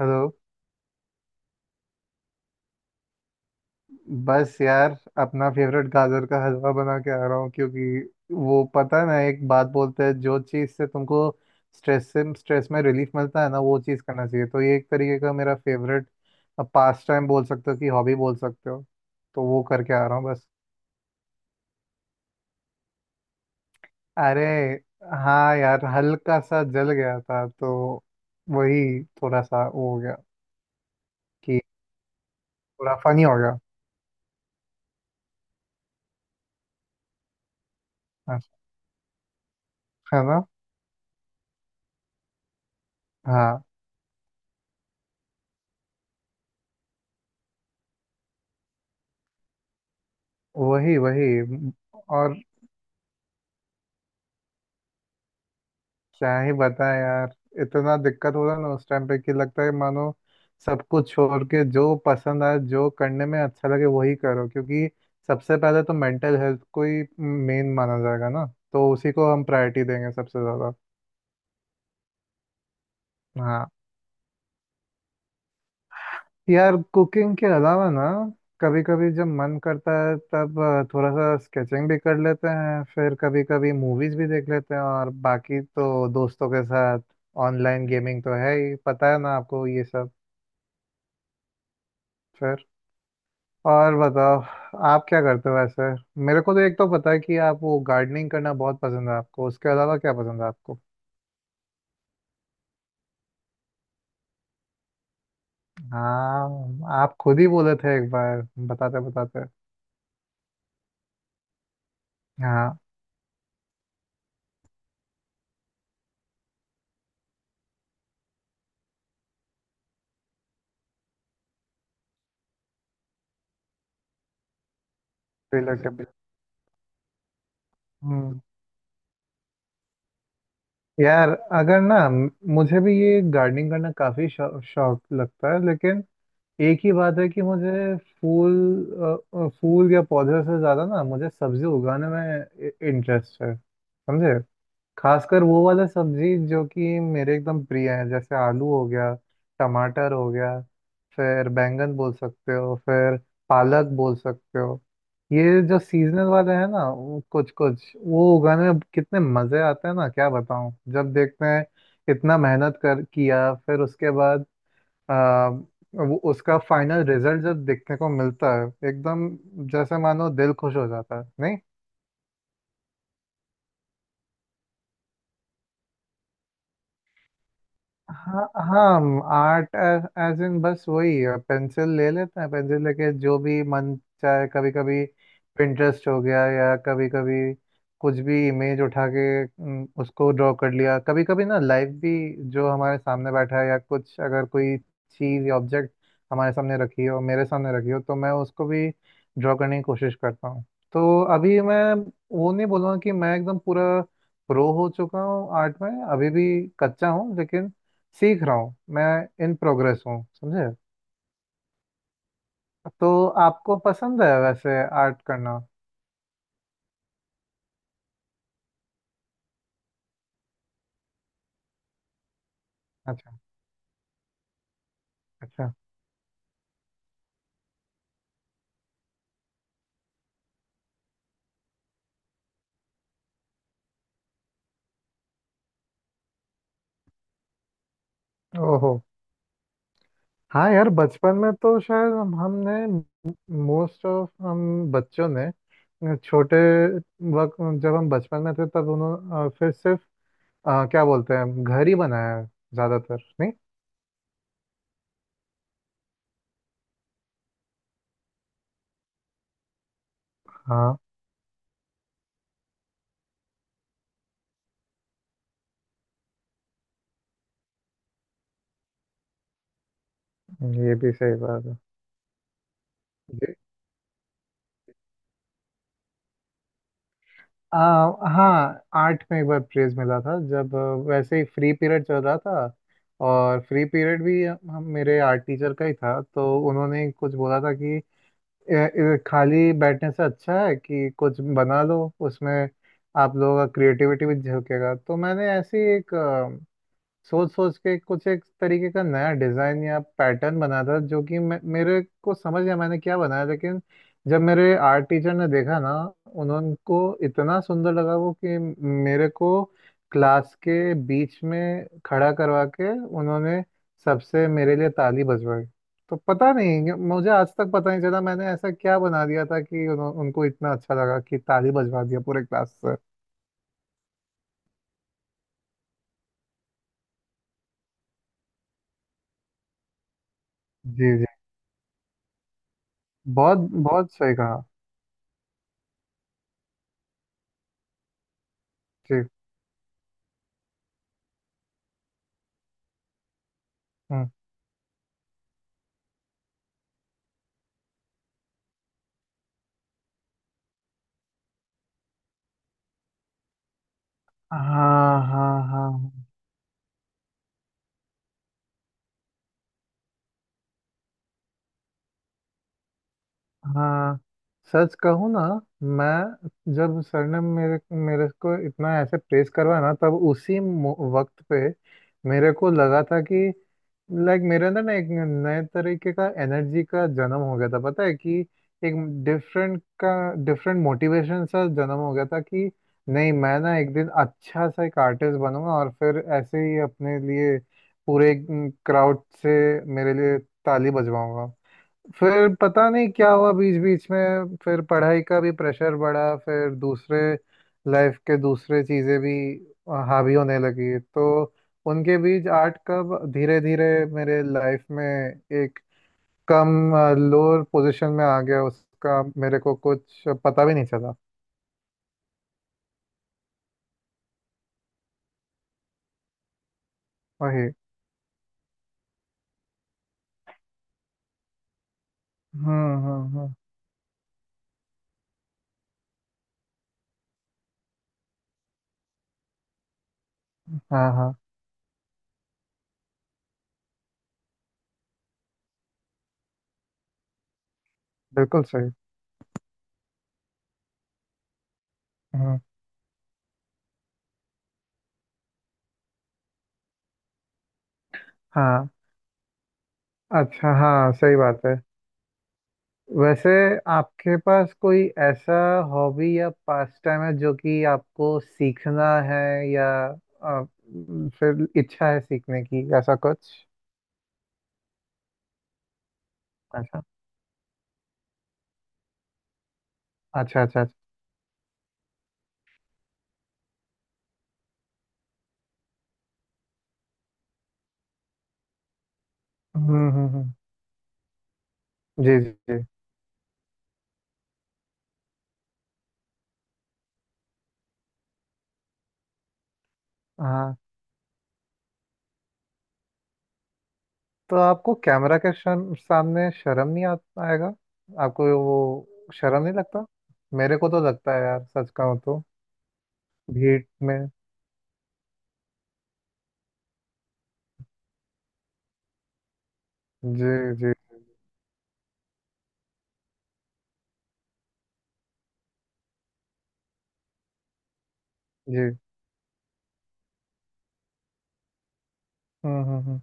Hello. बस यार, अपना फेवरेट गाजर का हलवा बना के आ रहा हूँ। क्योंकि वो पता है ना, एक बात बोलते हैं, जो चीज़ से तुमको स्ट्रेस से, स्ट्रेस में रिलीफ मिलता है ना, वो चीज़ करना चाहिए। तो ये एक तरीके का मेरा फेवरेट पास टाइम बोल सकते हो कि हॉबी बोल सकते हो। तो वो करके आ रहा हूँ बस। अरे हाँ यार, हल्का सा जल गया था तो वही थोड़ा सा वो हो गया कि थोड़ा फनी हो गया। हाँ, है ना। हाँ। वही वही। और क्या ही बताएं यार, इतना दिक्कत हो रहा ना उस टाइम पे कि लगता है मानो सब कुछ छोड़ के जो पसंद आए, जो करने में अच्छा लगे वही करो। क्योंकि सबसे पहले तो मेंटल हेल्थ को ही मेन माना जाएगा ना। तो उसी को हम प्रायोरिटी देंगे सबसे ज़्यादा। हाँ यार, कुकिंग के अलावा ना, कभी कभी जब मन करता है तब थोड़ा सा स्केचिंग भी कर लेते हैं। फिर कभी कभी मूवीज़ भी देख लेते हैं। और बाकी तो दोस्तों के साथ ऑनलाइन गेमिंग तो है ही, पता है ना आपको ये सब। और बताओ, आप क्या करते हो वैसे। मेरे को तो एक तो पता है कि आप वो गार्डनिंग करना बहुत पसंद है आपको। उसके अलावा क्या पसंद है आपको। हाँ, आप खुद ही बोले थे एक बार बताते बताते। हाँ। रिलेटेबल। हम्म। यार, अगर ना मुझे भी ये गार्डनिंग करना काफी शौक लगता है। लेकिन एक ही बात है कि मुझे फूल, फूल या पौधे से ज्यादा ना मुझे सब्जी उगाने में इंटरेस्ट है समझे। खासकर वो वाला सब्जी जो कि मेरे एकदम प्रिय है, जैसे आलू हो गया, टमाटर हो गया, फिर बैंगन बोल सकते हो, फिर पालक बोल सकते हो। ये जो सीजनल वाले हैं ना, वो कुछ कुछ वो उगाने में कितने मजे आते हैं ना, क्या बताऊं। जब देखते हैं इतना मेहनत कर किया, फिर उसके बाद आ, वो उसका फाइनल रिजल्ट जब देखने को मिलता है, एकदम जैसे मानो दिल खुश हो जाता है नहीं। हाँ हाँ, आर्ट एज इन बस वही, पेंसिल ले लेते हैं। पेंसिल लेके जो भी मन चाहे, कभी कभी पिंटरेस्ट हो गया, या कभी कभी कुछ भी इमेज उठा के उसको ड्रॉ कर लिया। कभी कभी ना लाइव भी, जो हमारे सामने बैठा है, या कुछ अगर कोई चीज़ या ऑब्जेक्ट हमारे सामने रखी हो, मेरे सामने रखी हो तो मैं उसको भी ड्रॉ करने की कोशिश करता हूँ। तो अभी मैं वो नहीं बोलूँगा कि मैं एकदम पूरा प्रो हो चुका हूँ आर्ट में। अभी भी कच्चा हूँ, लेकिन सीख रहा हूँ, मैं इन प्रोग्रेस हूँ समझे। तो आपको पसंद है वैसे आर्ट करना। अच्छा अच्छा। ओहो। हाँ यार, बचपन में तो शायद हमने, मोस्ट ऑफ हम बच्चों ने छोटे वक्त, जब हम बचपन में थे तब उन्होंने फिर सिर्फ क्या बोलते हैं, घर ही बनाया है ज्यादातर, नहीं। हाँ, ये भी सही बात है। आ, हाँ, आर्ट में एक बार प्रेज मिला था, जब वैसे ही फ्री पीरियड चल रहा था। और फ्री पीरियड भी हम मेरे आर्ट टीचर का ही था। तो उन्होंने कुछ बोला था कि खाली बैठने से अच्छा है कि कुछ बना लो, उसमें आप लोगों का क्रिएटिविटी भी झलकेगा"। तो मैंने ऐसे ही एक सोच सोच के कुछ एक तरीके का नया डिजाइन या पैटर्न बना था, जो कि मेरे को समझ गया मैंने क्या बनाया। लेकिन जब मेरे आर्ट टीचर ने देखा ना, उन्होंने को इतना सुंदर लगा वो कि मेरे को क्लास के बीच में खड़ा करवा के उन्होंने सबसे मेरे लिए ताली बजवाई। तो पता नहीं, मुझे आज तक पता नहीं चला मैंने ऐसा क्या बना दिया था कि उनको इतना अच्छा लगा कि ताली बजवा दिया पूरे क्लास से। जी जी। बहुत, बहुत सही कहा। जी। हम्म। हाँ हाँ हाँ हाँ। सच कहूँ ना, मैं जब सर ने मेरे मेरे को इतना ऐसे प्रेस करवाया ना, तब उसी वक्त पे मेरे को लगा था कि लाइक मेरे अंदर ना एक नए तरीके का एनर्जी का जन्म हो गया था, पता है कि एक डिफरेंट का डिफरेंट मोटिवेशन सा जन्म हो गया था कि नहीं, मैं ना एक दिन अच्छा सा एक आर्टिस्ट बनूंगा और फिर ऐसे ही अपने लिए पूरे क्राउड से मेरे लिए ताली बजवाऊंगा। फिर पता नहीं क्या हुआ, बीच बीच में फिर पढ़ाई का भी प्रेशर बढ़ा। फिर दूसरे लाइफ के दूसरे चीज़ें भी हावी होने लगी। तो उनके बीच आर्ट कब धीरे धीरे मेरे लाइफ में एक कम लोअर पोजीशन में आ गया उसका मेरे को कुछ पता भी नहीं चला। वही। हम्म। हाँ हाँ। बिल्कुल सही। हम्म। हाँ। अच्छा, हाँ सही बात है। वैसे आपके पास कोई ऐसा हॉबी या पास टाइम है जो कि आपको सीखना है, या आ, फिर इच्छा है सीखने की, ऐसा कुछ। अच्छा अच्छा अच्छा अच्छा। हम्म हम्म हम्म। जी जी जी। हाँ, तो आपको कैमरा के सामने शर्म नहीं आ, आएगा, आपको वो शर्म नहीं लगता। मेरे को तो लगता है यार सच कहूँ तो। भीड़ में। जी जी जी। हम्म।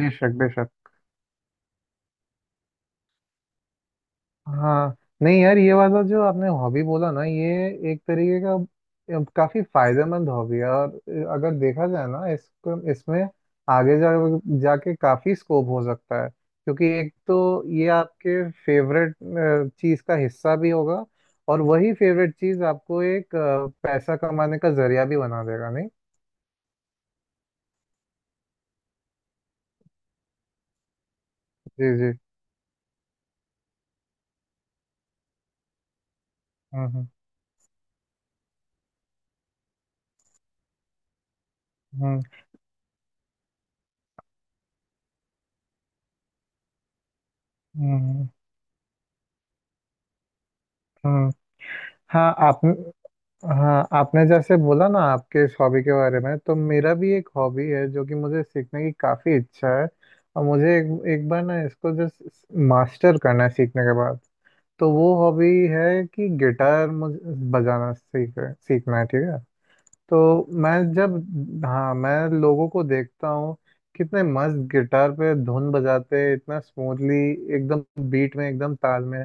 बेशक बेशक। हाँ। नहीं यार, ये वाला जो आपने हॉबी बोला ना, ये एक तरीके का काफी फायदेमंद हॉबी है। और अगर देखा जाए ना इसको, इसमें आगे जा जाके काफी स्कोप हो सकता है। क्योंकि एक तो ये आपके फेवरेट चीज का हिस्सा भी होगा, और वही फेवरेट चीज आपको एक पैसा कमाने का जरिया भी बना देगा नहीं। जी जी। हम्म हम्म हम्म हम्म हम्म। हाँ आप, हाँ आपने जैसे बोला ना आपके इस हॉबी के बारे में, तो मेरा भी एक हॉबी है जो कि मुझे सीखने की काफ़ी इच्छा है। और मुझे एक, एक बार ना इसको जस्ट मास्टर करना है सीखने के बाद। तो वो हॉबी है कि गिटार मुझे बजाना सीखना है ठीक है। तो मैं जब, हाँ मैं लोगों को देखता हूँ कितने मस्त गिटार पे धुन बजाते हैं, इतना स्मूथली, एकदम बीट में, एकदम ताल में।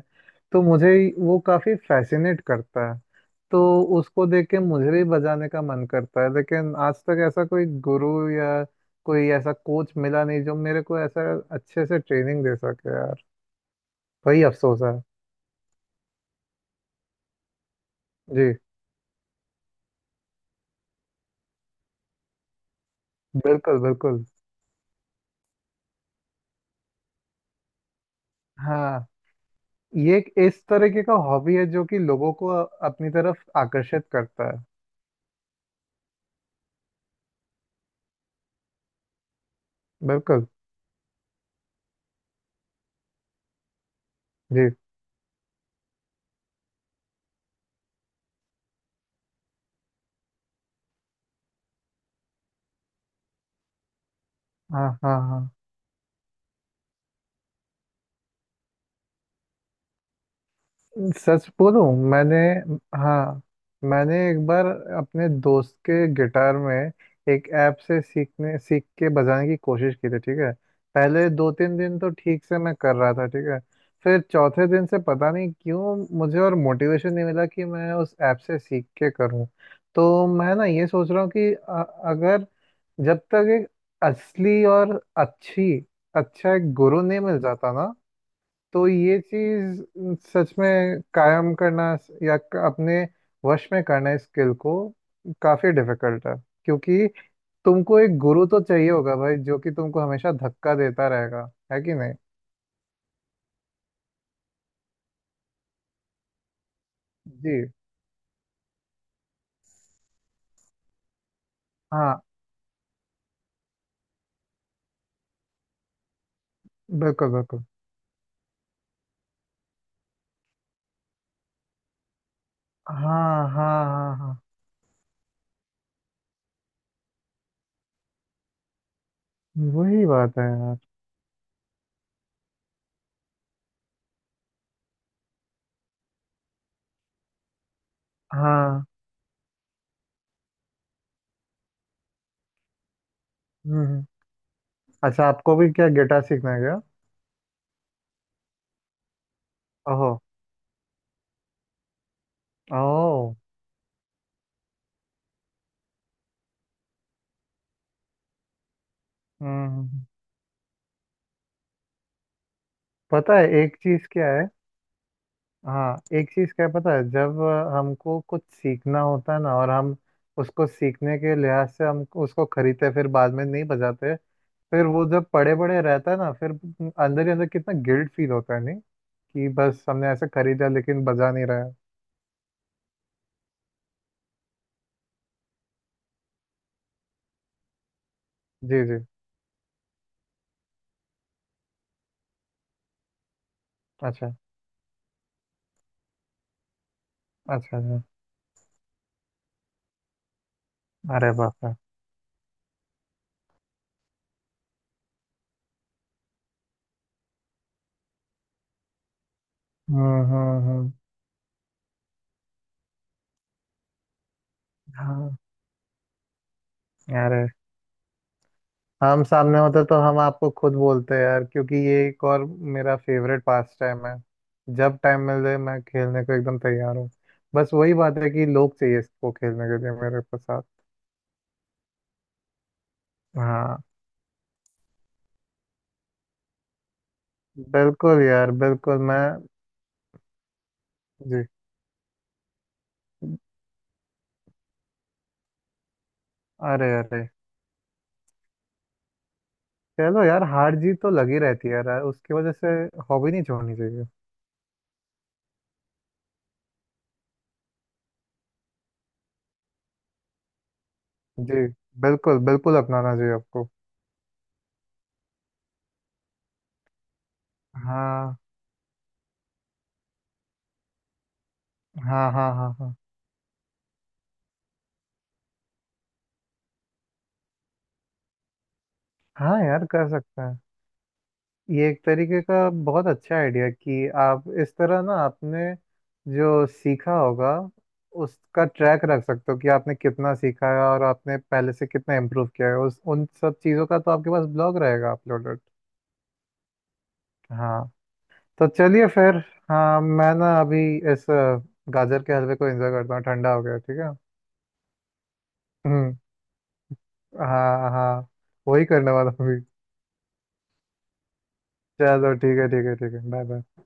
तो मुझे वो काफी फैसिनेट करता है। तो उसको देख के मुझे भी बजाने का मन करता है। लेकिन आज तक ऐसा कोई गुरु या कोई ऐसा कोच मिला नहीं जो मेरे को ऐसा अच्छे से ट्रेनिंग दे सके यार। वही अफसोस है। जी। बिल्कुल बिल्कुल। हाँ, ये एक इस तरीके का हॉबी है जो कि लोगों को अपनी तरफ आकर्षित करता है। बिल्कुल। जी। हाँ हाँ हाँ। सच बोलूं, मैंने हाँ मैंने एक बार अपने दोस्त के गिटार में एक ऐप से सीख के बजाने की कोशिश की थी, ठीक है। पहले दो तीन दिन तो ठीक से मैं कर रहा था ठीक है। फिर चौथे दिन से पता नहीं क्यों मुझे और मोटिवेशन नहीं मिला कि मैं उस ऐप से सीख के करूं। तो मैं ना ये सोच रहा हूँ कि अगर, जब तक एक असली और अच्छी अच्छा एक गुरु नहीं मिल जाता ना, तो ये चीज सच में कायम करना या अपने वश में करना इस स्किल को काफी डिफिकल्ट है। क्योंकि तुमको एक गुरु तो चाहिए होगा भाई जो कि तुमको हमेशा धक्का देता रहेगा, है कि नहीं। जी। हाँ, बिल्कुल बिल्कुल। हाँ हाँ हाँ हाँ, वही बात है यार। हाँ। हम्म हम्म। अच्छा, आपको भी क्या गिटार सीखना है क्या। ओहो। ओह। हम्म हम्म, हम्म। पता है एक चीज क्या है, हाँ एक चीज क्या है पता है, जब हमको कुछ सीखना होता है ना, और हम उसको सीखने के लिहाज से हम उसको खरीदते हैं, फिर बाद में नहीं बजाते। फिर वो जब पड़े पड़े रहता है ना, फिर अंदर ही अंदर कितना गिल्ट फील होता है नहीं, कि बस हमने ऐसे खरीदा लेकिन बजा नहीं रहा है। जी जी। अच्छा अच्छा अच्छा। अरे बाप रे। हम्म। हाँ। अरे, हम सामने होते तो हम आपको खुद बोलते यार, क्योंकि ये एक और मेरा फेवरेट पास टाइम है। जब टाइम मिल जाए मैं खेलने को एकदम तैयार हूँ। बस वही बात है कि लोग चाहिए इसको खेलने के लिए मेरे के साथ। हाँ, बिल्कुल यार बिल्कुल। मैं। जी। अरे अरे, चलो यार, हार जीत तो लगी रहती है यार। उसकी वजह से हॉबी नहीं छोड़नी चाहिए। जी, बिल्कुल बिल्कुल, अपनाना चाहिए आपको। हाँ हाँ हाँ हाँ हाँ। हाँ यार, कर सकते हैं। ये एक तरीके का बहुत अच्छा आइडिया कि आप इस तरह ना आपने जो सीखा होगा उसका ट्रैक रख सकते हो कि आपने कितना सीखा है और आपने पहले से कितना इम्प्रूव किया है, उस उन सब चीज़ों का तो आपके पास ब्लॉग रहेगा अपलोडेड। हाँ। तो चलिए फिर, हाँ मैं ना अभी इस गाजर के हलवे को एंजॉय करता हूँ, ठंडा हो गया ठीक है। हम्म। हाँ हाँ, वही करने वाला हूँ अभी। चलो ठीक है ठीक है ठीक है, बाय बाय।